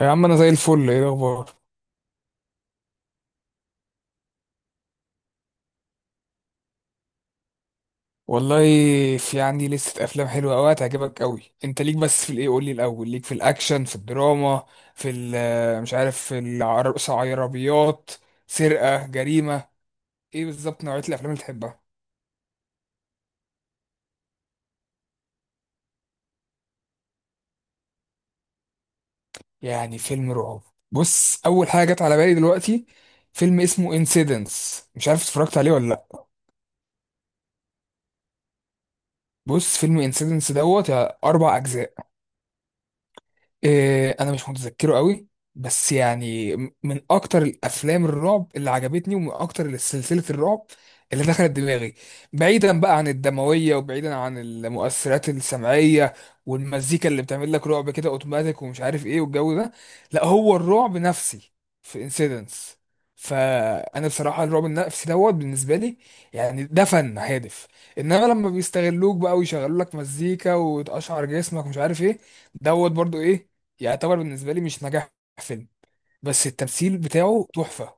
يا عم انا زي الفل. ايه الاخبار؟ والله في عندي لستة افلام حلوه قوي هتعجبك قوي. انت ليك بس في الايه، قول لي الاول، ليك في الاكشن في الدراما في مش عارف، في العربيات، سرقه، جريمه، ايه بالظبط نوعيه الافلام اللي تحبها؟ يعني فيلم رعب. بص اول حاجه جت على بالي دلوقتي فيلم اسمه انسيدنس، مش عارف اتفرجت عليه ولا لا. بص فيلم انسيدنس دوت اربع اجزاء. إيه انا مش متذكره قوي، بس يعني من اكتر الافلام الرعب اللي عجبتني ومن اكتر سلسله الرعب اللي دخلت دماغي. بعيدا بقى عن الدمويه وبعيدا عن المؤثرات السمعيه والمزيكا اللي بتعمل لك رعب كده اوتوماتيك ومش عارف ايه والجو ده. لا هو الرعب نفسي في انسيدنس، فانا بصراحه الرعب النفسي دوت بالنسبه لي، يعني ده فن هادف. انما لما بيستغلوك بقى ويشغلوا لك مزيكا وتقشعر جسمك ومش عارف ايه، دوت برضو ايه، يعني يعتبر بالنسبة لي مش نجاح فيلم. بس التمثيل بتاعه تحفة.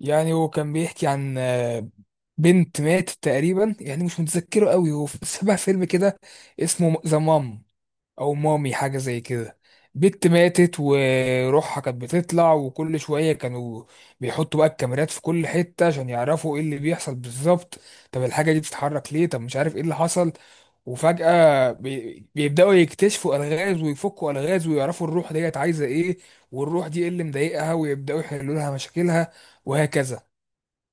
يعني هو كان بيحكي عن بنت ماتت تقريبا، يعني مش متذكره قوي. هو شبه فيلم كده اسمه ذا مام او مامي، حاجة زي كده. بنت ماتت وروحها كانت بتطلع، وكل شوية كانوا بيحطوا بقى الكاميرات في كل حتة عشان يعرفوا ايه اللي بيحصل بالظبط. طب الحاجة دي بتتحرك ليه، طب مش عارف ايه اللي حصل. وفجأة بيبدأوا يكتشفوا ألغاز ويفكوا ألغاز ويعرفوا الروح ديت عايزة إيه، والروح دي إيه اللي مضايقها، ويبدأوا يحلوا لها مشاكلها، وهكذا.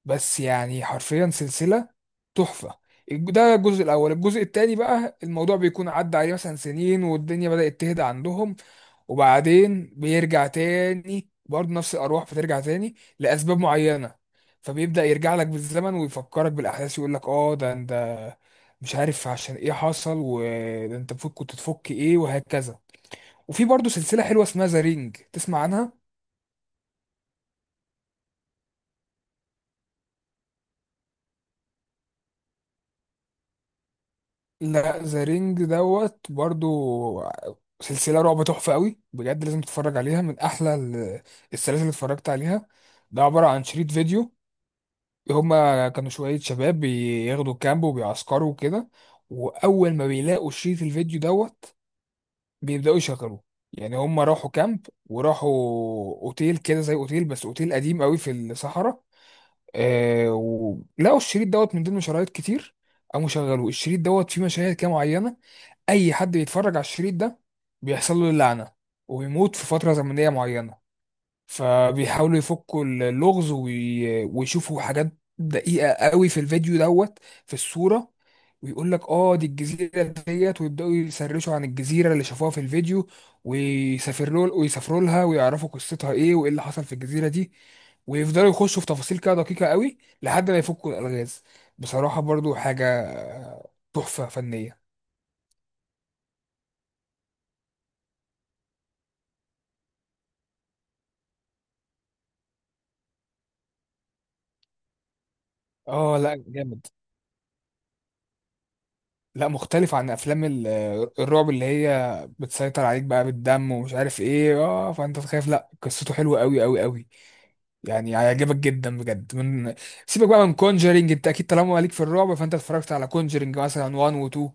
بس يعني حرفيا سلسلة تحفة. ده الجزء الأول. الجزء التاني بقى الموضوع بيكون عدى عليه مثلا سنين والدنيا بدأت تهدى عندهم، وبعدين بيرجع تاني برضه، نفس الأرواح بترجع تاني لأسباب معينة. فبيبدأ يرجع لك بالزمن ويفكرك بالأحداث يقول لك اه ده انت مش عارف عشان ايه حصل، وده انت المفروض كنت تفك ايه، وهكذا. وفي برضه سلسلة حلوة اسمها ذا رينج، تسمع عنها؟ لا ذا رينج دوت برضو سلسلة رعب تحفة قوي بجد، لازم تتفرج عليها، من أحلى السلاسل اللي اتفرجت عليها. ده عبارة عن شريط فيديو. هما كانوا شوية شباب بياخدوا كامب وبيعسكروا وكده، وأول ما بيلاقوا شريط الفيديو دوت بيبدأوا يشغلوه. يعني هما راحوا كامب وراحوا أوتيل كده، زي أوتيل بس أوتيل قديم قوي في الصحراء. آه ولقوا الشريط دوت من ضمن شرايط كتير. قاموا شغلوه، الشريط دوت فيه مشاهد كده معينة، اي حد بيتفرج على الشريط ده بيحصل له اللعنه ويموت في فتره زمنيه معينه. فبيحاولوا يفكوا اللغز ويشوفوا حاجات دقيقه قوي في الفيديو دوت، في الصوره، ويقول لك اه دي الجزيره ديت، ويبداوا يسرشوا عن الجزيره اللي شافوها في الفيديو، ويسافروا ويسافروا لها ويعرفوا قصتها ايه وايه اللي حصل في الجزيره دي، ويفضلوا يخشوا في تفاصيل كده دقيقه قوي لحد ما يفكوا الالغاز. بصراحه برضو حاجه تحفه فنيه. اه لا جامد، لا مختلف عن افلام الرعب اللي هي بتسيطر عليك بقى بالدم ومش عارف ايه، اه فانت تخاف. لا قصته حلوه قوي قوي قوي، يعني هيعجبك جدا بجد. من سيبك بقى من كونجرينج، انت اكيد طالما ليك في الرعب فانت اتفرجت على كونجرينج مثلا 1 و 2.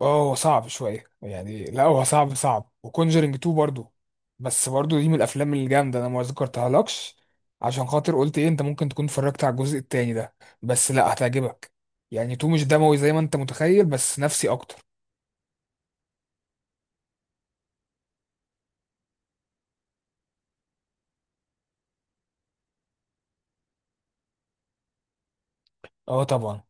اه هو صعب شويه يعني، لا هو صعب صعب، وكونجرينج 2 برضو. بس برضو دي من الافلام الجامده، انا ما ذكرتها لكش عشان خاطر قلت ايه انت ممكن تكون اتفرجت على الجزء التاني ده، بس لا هتعجبك. يعني 2 مش دموي زي ما انت متخيل، بس نفسي اكتر. اه طبعا.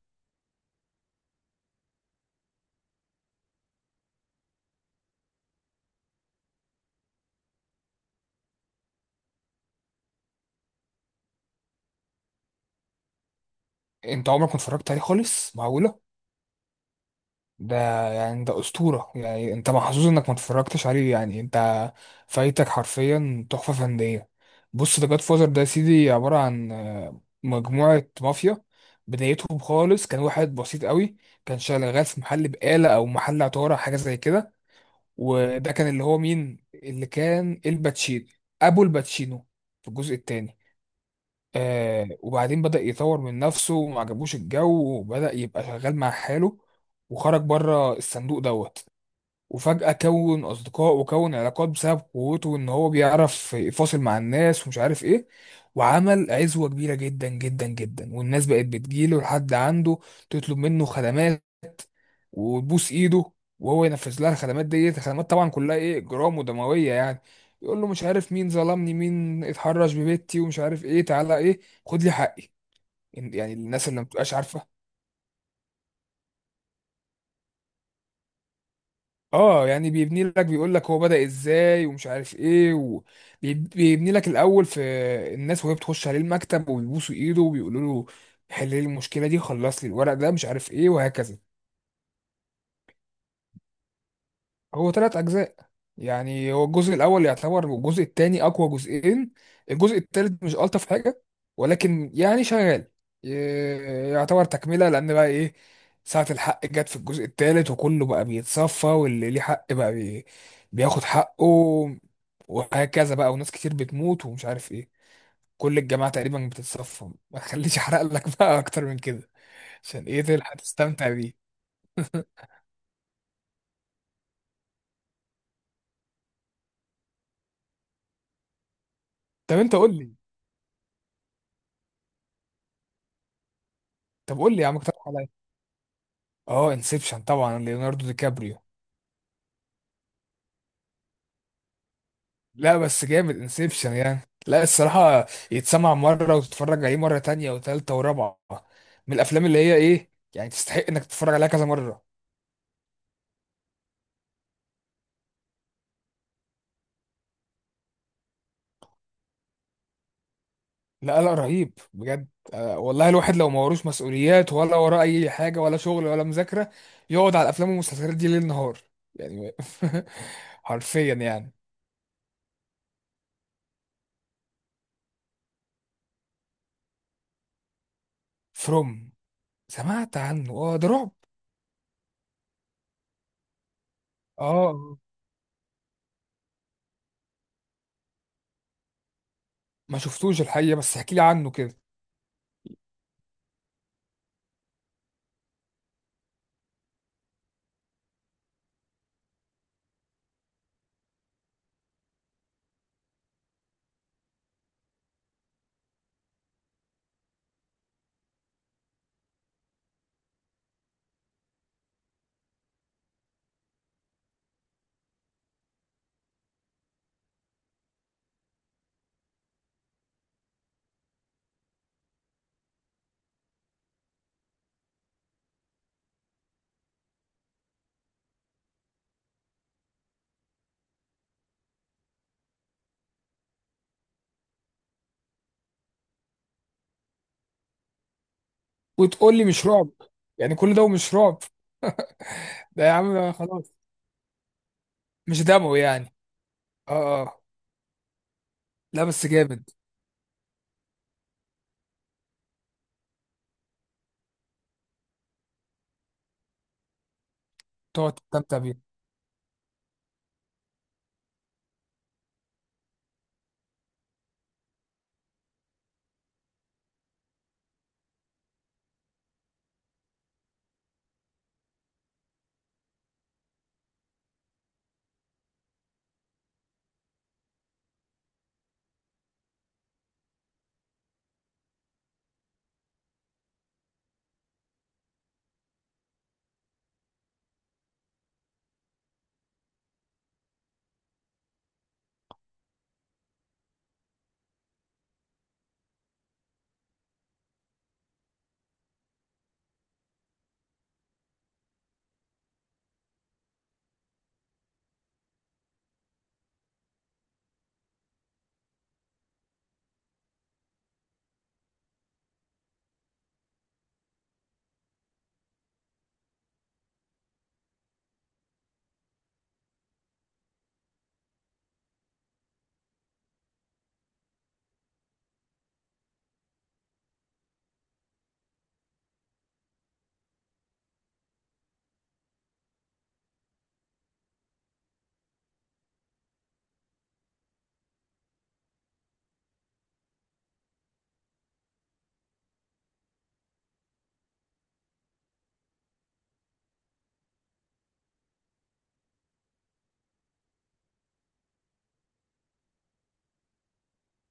انت عمرك ما اتفرجت عليه خالص؟ معقولة! ده يعني ده أسطورة، يعني انت محظوظ انك ما اتفرجتش عليه، يعني انت فايتك حرفيا تحفة فنية. بص ده جاد فوزر، ده يا سيدي عبارة عن مجموعة مافيا. بدايتهم خالص كان واحد بسيط قوي، كان شغال في محل بقالة او محل عطارة، حاجة زي كده. وده كان اللي هو مين، اللي كان الباتشينو، ابو الباتشينو في الجزء التاني. آه وبعدين بدأ يطور من نفسه وما عجبوش الجو، وبدأ يبقى شغال مع حاله وخرج بره الصندوق دوت. وفجأة كون أصدقاء وكون علاقات بسبب قوته إن هو بيعرف يفاصل مع الناس ومش عارف إيه، وعمل عزوة كبيرة جدا جدا جدا، والناس بقت بتجيله لحد عنده تطلب منه خدمات وتبوس إيده، وهو ينفذ لها الخدمات ديت. الخدمات طبعا كلها إيه، إجرام ودموية يعني. يقول له مش عارف مين ظلمني، مين اتحرش ببيتي ومش عارف إيه، تعالى إيه خد لي حقي، يعني الناس اللي ما بتبقاش عارفه. اه يعني بيبني لك، بيقول لك هو بدأ ازاي ومش عارف ايه، وبيبني لك الاول في الناس وهي بتخش عليه المكتب وبيبوسوا ايده وبيقولوا له حل لي المشكله دي، خلص لي الورق ده، مش عارف ايه، وهكذا. هو ثلاث اجزاء. يعني هو الجزء الاول يعتبر والجزء الثاني اقوى جزئين، الجزء الثالث مش الطف حاجه ولكن يعني شغال، ي- يعتبر تكمله، لان بقى ايه ساعه الحق جت في الجزء الثالث، وكله بقى بيتصفى، واللي ليه حق بقى بياخد حقه وهكذا بقى، وناس كتير بتموت ومش عارف ايه، كل الجماعه تقريبا بتتصفى. ما تخليش احرق لك بقى اكتر من كده، عشان ايه تلحق تستمتع بيه. طب انت قول لي، طب قول لي يا عم، اقترح عليا. اه انسبشن طبعا، ليوناردو دي كابريو. لا بس جامد انسبشن يعني. لا الصراحة يتسمع مرة وتتفرج عليه مرة تانية وتالتة ورابعة، من الأفلام اللي هي إيه يعني تستحق إنك تتفرج عليها كذا مرة. لا لا رهيب بجد. والله الواحد لو ما وروش مسؤوليات ولا وراه أي حاجة ولا شغل ولا مذاكرة يقعد على الأفلام والمسلسلات دي ليل نهار يعني. حرفيا يعني. فروم سمعت عنه، اه ده رعب. اه. آه. ما شفتوش الحقيقة، بس احكي لي عنه كده. وتقول لي مش رعب؟ يعني كل ده ومش رعب؟ ده يا عم خلاص. مش دموي يعني. اه اه. لا بس جامد. تقعد تستمتع بيه.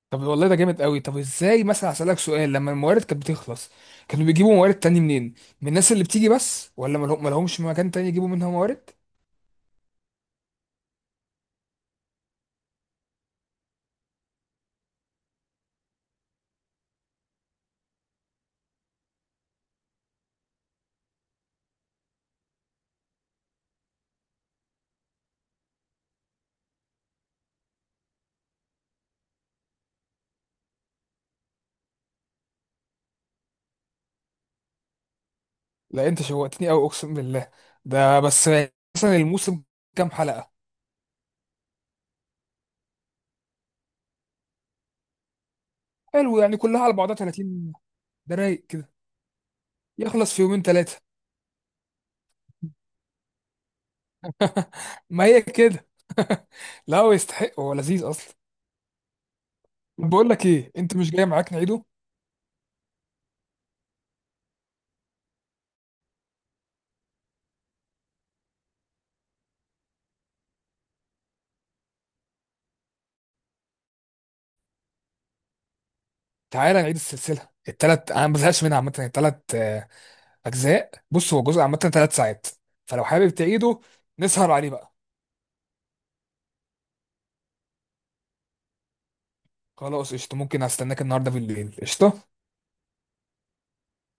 طب والله ده جامد قوي. طب ازاي مثلا، هسألك سؤال، لما الموارد كانت بتخلص كانوا بيجيبوا موارد تاني منين؟ من الناس اللي بتيجي بس، ولا ملهمش مكان تاني يجيبوا منها موارد؟ لا انت شوقتني قوي اقسم بالله. ده بس، مثلا الموسم كام حلقة؟ حلو يعني كلها على بعضها 30. ده رايق كده، يخلص في يومين ثلاثة. ما هي كده. لا هو يستحق، هو لذيذ اصلا. طب بقول لك ايه، انت مش جاي معاك نعيده؟ تعالى نعيد السلسله التلات، انا ما بزهقش منها عامه. التلات اجزاء، بص هو جزء عامه تلات ساعات، فلو حابب تعيده نسهر عليه بقى. خلاص قشطه، ممكن استناك النهارده بالليل قشطه.